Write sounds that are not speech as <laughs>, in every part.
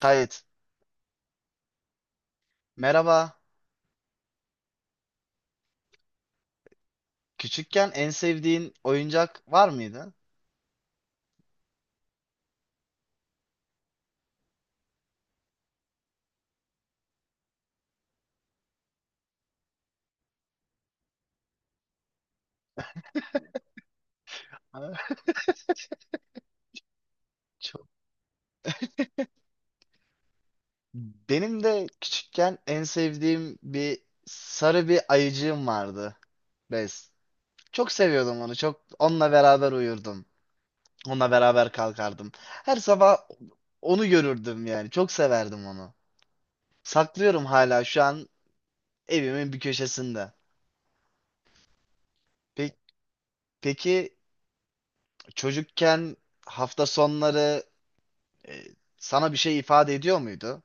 Kayıt. Merhaba. Küçükken en sevdiğin oyuncak var mıydı? Ha, <laughs> Çok. Benim de küçükken en sevdiğim bir sarı bir ayıcığım vardı. Bez. Çok seviyordum onu. Çok onunla beraber uyurdum. Onunla beraber kalkardım. Her sabah onu görürdüm yani. Çok severdim onu. Saklıyorum hala şu an evimin bir köşesinde. Pe- peki çocukken hafta sonları E, sana bir şey ifade ediyor muydu?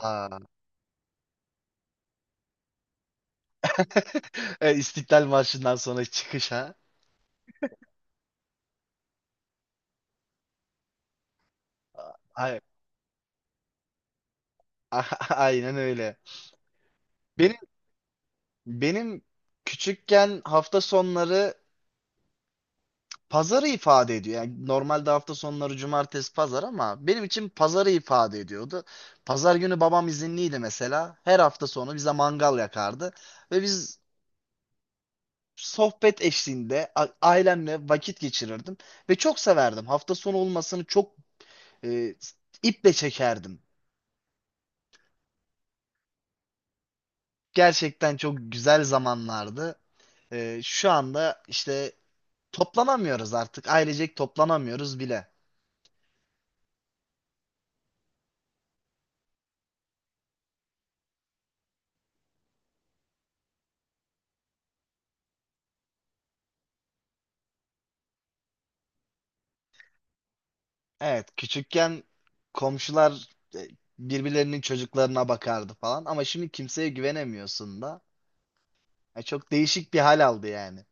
Aa. <laughs> E, İstiklal Marşı'ndan sonra çıkış ha? Ay- <laughs> Aynen öyle. Benim benim küçükken hafta sonları pazarı ifade ediyor. Yani normalde hafta sonları cumartesi pazar ama benim için pazarı ifade ediyordu. Pazar günü babam izinliydi mesela. Her hafta sonu bize mangal yakardı ve biz sohbet eşliğinde ailemle vakit geçirirdim ve çok severdim. Hafta sonu olmasını çok E, iple çekerdim. Gerçekten çok güzel zamanlardı. Şu anda işte toplanamıyoruz artık. Ailecek toplanamıyoruz bile. Evet, küçükken komşular e, birbirlerinin çocuklarına bakardı falan. Ama şimdi kimseye güvenemiyorsun da. Çok değişik bir hal aldı yani.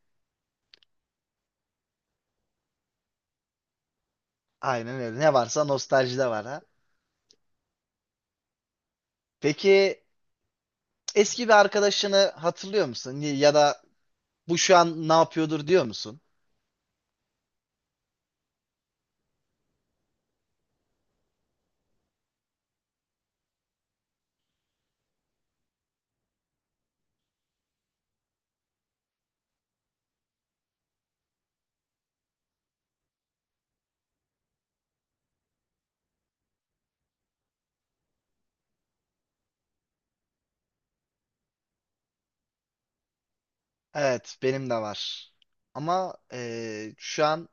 Aynen öyle. Ne varsa nostaljide var ha. Peki eski bir arkadaşını hatırlıyor musun? Ya da bu şu an ne yapıyordur diyor musun? Evet, benim de var. Ama şu an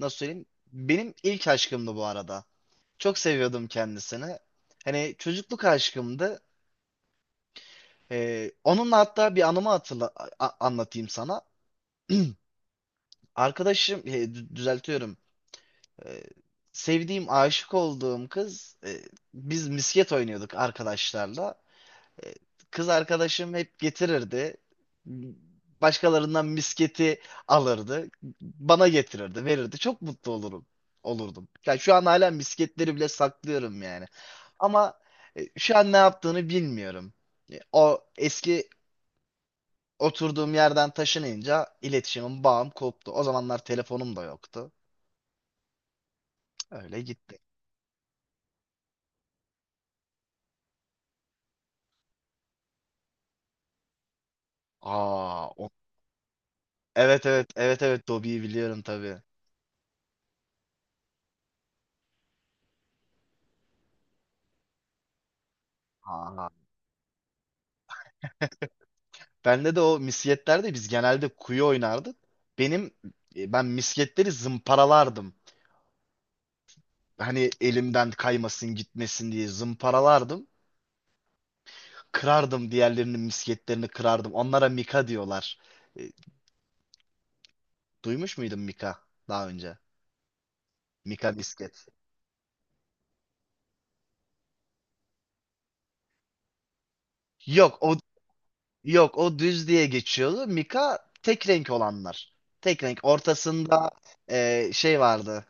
nasıl söyleyeyim? Benim ilk aşkımdı bu arada. Çok seviyordum kendisini. Hani çocukluk aşkımdı. Onunla hatta bir anımı anlatayım sana. Arkadaşım, düzeltiyorum. Eee, Sevdiğim, aşık olduğum kız, biz misket oynuyorduk arkadaşlarla. E, Kız arkadaşım hep getirirdi. Başkalarından misketi alırdı. Bana getirirdi, verirdi. Çok mutlu olurum. Olurdum. Yani şu an hala misketleri bile saklıyorum yani. Ama şu an ne yaptığını bilmiyorum. O eski oturduğum yerden taşınınca iletişimim, bağım koptu. O zamanlar telefonum da yoktu. Öyle gitti. Aa, evet evet evet evet Dobby'yi biliyorum tabii. Aa. Bende de o misketlerde biz genelde kuyu oynardık. Benim ben misketleri zımparalardım. Hani elimden kaymasın gitmesin diye zımparalardım. Kırardım diğerlerinin misketlerini kırardım. Onlara mika diyorlar. E, Duymuş muydun mika daha önce? Mika misket. Yok o yok o düz diye geçiyordu. Mika tek renk olanlar. Tek renk. Ortasında şey vardı.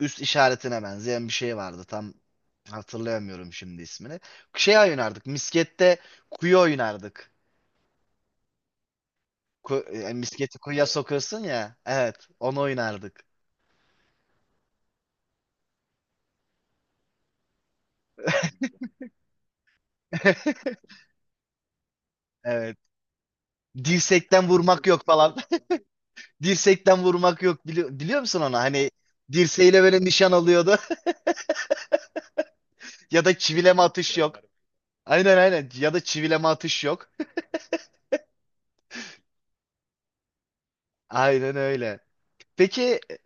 Üst işaretine benzeyen bir şey vardı. Tam hatırlayamıyorum şimdi ismini. Şey oynardık. Miskette kuyu oynardık. Yani misketi kuyuya sokuyorsun ya. Evet, onu oynardık. <laughs> Evet. Dirsekten vurmak yok falan. <laughs> Dirsekten vurmak yok. Biliyor musun onu? Hani dirseğiyle böyle nişan alıyordu. <laughs> Ya da çivileme atış yok. Aynen aynen. Ya da çivileme atış yok. <laughs> Aynen öyle. Peki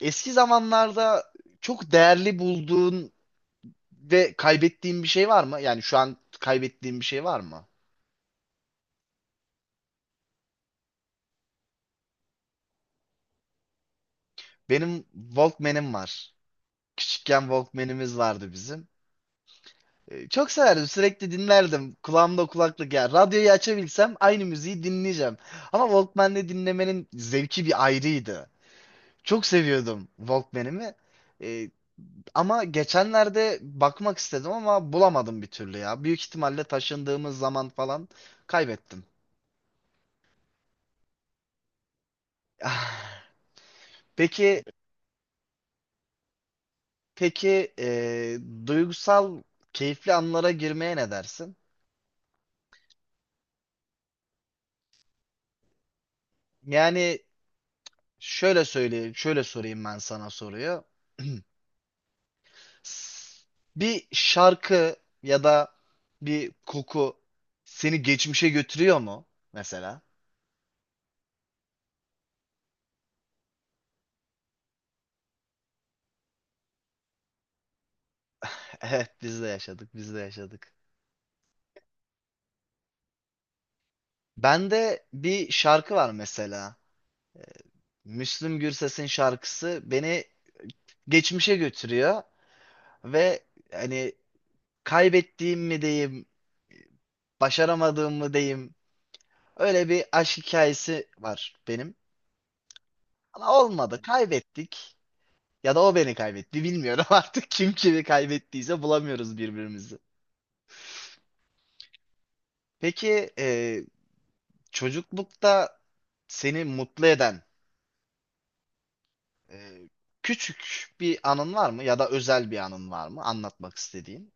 eski zamanlarda çok değerli bulduğun ve kaybettiğim bir şey var mı? Yani şu an kaybettiğim bir şey var mı? Benim Walkman'im var. Küçükken Walkman'imiz vardı bizim. Çok severdim. Sürekli dinlerdim. Kulağımda kulaklık ya. Radyoyu açabilsem aynı müziği dinleyeceğim. Ama Walkman'le dinlemenin zevki bir ayrıydı. Çok seviyordum Walkman'imi. Ee, Ama geçenlerde bakmak istedim ama bulamadım bir türlü ya. Büyük ihtimalle taşındığımız zaman falan kaybettim. <laughs> Ah, Peki Peki duygusal keyifli anlara girmeye ne dersin? Yani şöyle söyleyeyim, şöyle sorayım ben sana soruyu. <clears throat> S- Bir şarkı ya da bir koku seni geçmişe götürüyor mu mesela? <laughs> Evet, biz de yaşadık, biz de yaşadık. Bende bir şarkı var mesela. Müslüm Gürses'in şarkısı beni geçmişe götürüyor ve hani kaybettiğim mi diyeyim başaramadığımı diyeyim. Öyle bir aşk hikayesi var benim. Ama olmadı. Kaybettik. Ya da o beni kaybetti. Bilmiyorum <laughs> artık kim kimi kaybettiyse bulamıyoruz birbirimizi. Peki çocuklukta seni mutlu eden e, küçük bir anın var mı? Ya da özel bir anın var mı? Anlatmak istediğin.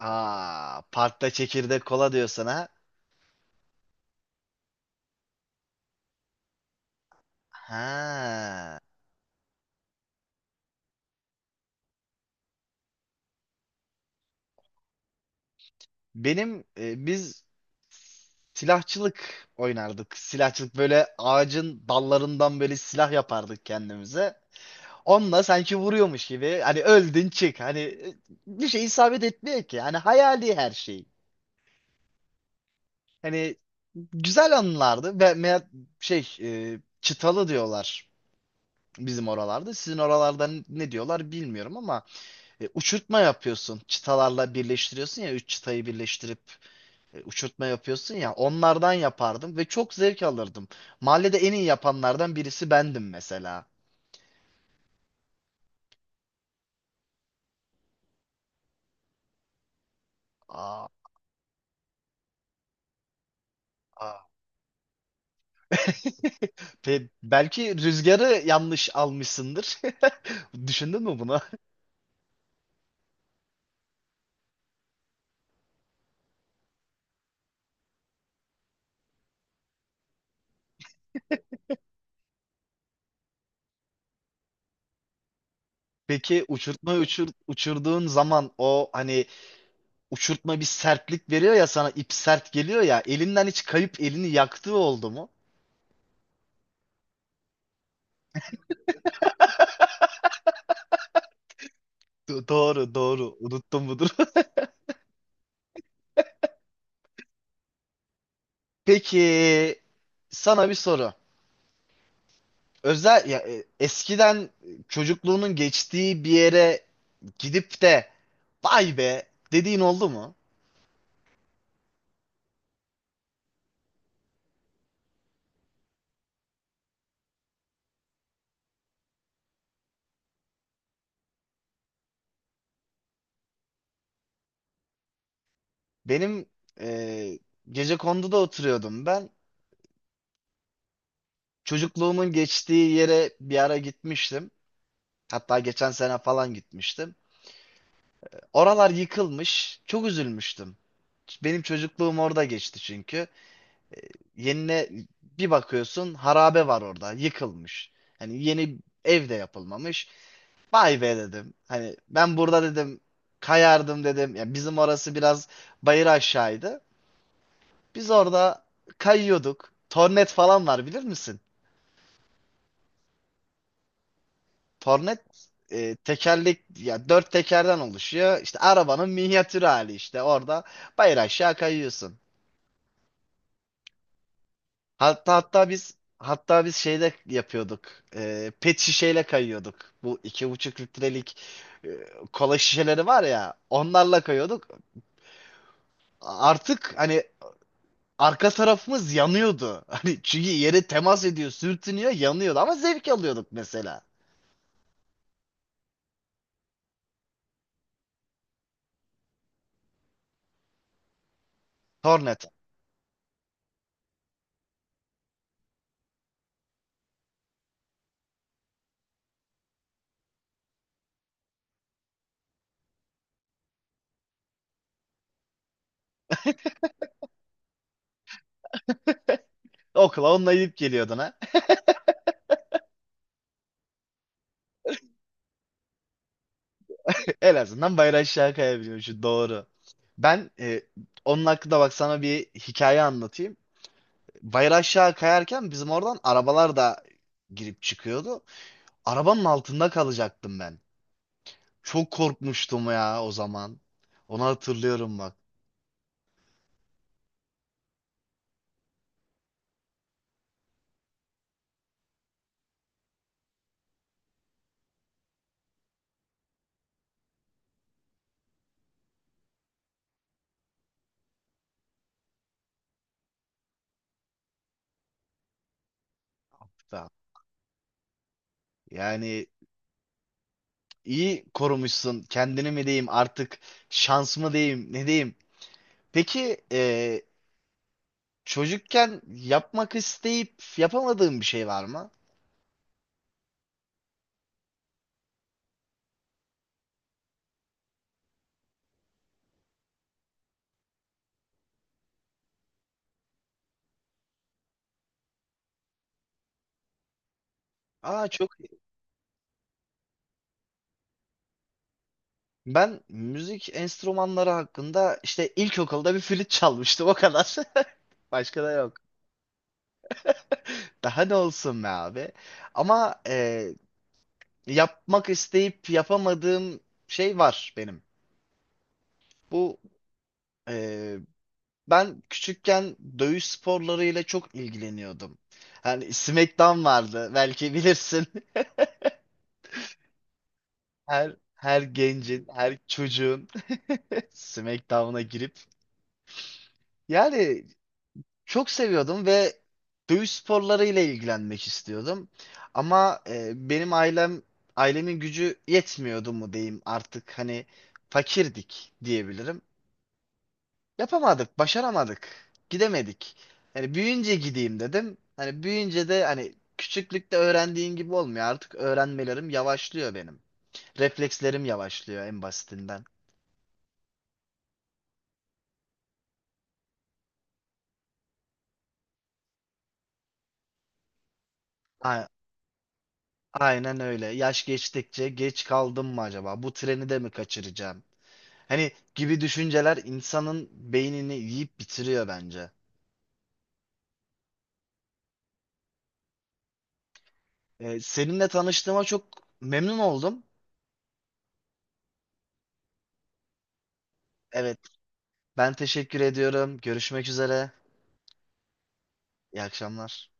Aa, parkta çekirdek kola diyorsun ha. Ha. Biz silahçılık oynardık. Silahçılık böyle ağacın dallarından böyle silah yapardık kendimize. Onunla sanki vuruyormuş gibi hani öldün çık hani bir şey isabet etmiyor ki. Hani hayali her şey. Hani güzel anılardı. Ve çıtalı diyorlar bizim oralarda. Sizin oralarda ne diyorlar bilmiyorum ama uçurtma yapıyorsun. Çıtalarla birleştiriyorsun ya üç çıtayı birleştirip. Uçurtma yapıyorsun ya onlardan yapardım ve çok zevk alırdım. Mahallede en iyi yapanlardan birisi bendim mesela. Aa, aa. <laughs> Belki rüzgarı yanlış almışsındır. <laughs> Düşündün mü bunu? <laughs> Peki uçurtma uçurduğun zaman o hani uçurtma bir sertlik veriyor ya sana ip sert geliyor ya elinden hiç kayıp elini yaktığı oldu mu? Doğru doğru unuttum budur. <laughs> Peki sana bir soru. Özel ya, eskiden çocukluğunun geçtiği bir yere gidip de vay be dediğin oldu mu? Benim e, Gecekondu'da oturuyordum ben. Çocukluğumun geçtiği yere bir ara gitmiştim. Hatta geçen sene falan gitmiştim. Oralar yıkılmış. Çok üzülmüştüm. Benim çocukluğum orada geçti çünkü. Yenine bir bakıyorsun harabe var orada, yıkılmış. Hani yeni ev de yapılmamış. Vay be dedim. Hani ben burada dedim kayardım dedim. Ya bizim orası biraz bayır aşağıydı. Biz orada kayıyorduk. Tornet falan var bilir misin? Tornet tekerlek ya dört tekerden oluşuyor. İşte arabanın minyatür hali işte orada bayır aşağı kayıyorsun. Hatta biz şeyde yapıyorduk. Pet şişeyle kayıyorduk. Bu 2,5 litrelik e, kola şişeleri var ya onlarla kayıyorduk. Artık hani arka tarafımız yanıyordu. <laughs> Hani çünkü yere temas ediyor, sürtünüyor, yanıyordu ama zevk alıyorduk mesela. Hornet. Okula onunla gidip geliyordun ha. <laughs> En azından bayrağı aşağı kayabiliyor şu doğru. Ben e, Onun hakkında bak sana bir hikaye anlatayım. Bayrağı aşağı kayarken bizim oradan arabalar da girip çıkıyordu. Arabanın altında kalacaktım ben. Çok korkmuştum ya o zaman. Onu hatırlıyorum bak. Yani İyi korumuşsun. Kendini mi diyeyim artık şans mı diyeyim ne diyeyim. Peki çocukken yapmak isteyip yapamadığın bir şey var mı? Aa çok iyi. Ben müzik enstrümanları hakkında işte ilkokulda bir flüt çalmıştım o kadar. <laughs> Başka da yok. Daha ne olsun be abi. Ama yapmak isteyip yapamadığım şey var benim. Bu e, Ben küçükken dövüş sporlarıyla çok ilgileniyordum. Hani SmackDown vardı belki bilirsin. <laughs> Her gencin, her çocuğun <laughs> SmackDown'a girip yani çok seviyordum ve dövüş sporlarıyla ilgilenmek istiyordum. Ama e, benim ailem ailemin gücü yetmiyordu mu diyeyim artık hani fakirdik diyebilirim. Yapamadık, başaramadık. Gidemedik. Hani büyüyünce gideyim dedim. Hani büyüyünce de hani küçüklükte öğrendiğin gibi olmuyor. Artık öğrenmelerim yavaşlıyor benim. Reflekslerim yavaşlıyor en basitinden. A- Aynen öyle. Yaş geçtikçe geç kaldım mı acaba? Bu treni de mi kaçıracağım? Hani gibi düşünceler insanın beynini yiyip bitiriyor bence. Seninle tanıştığıma çok memnun oldum. Evet, ben teşekkür ediyorum. Görüşmek üzere. İyi akşamlar.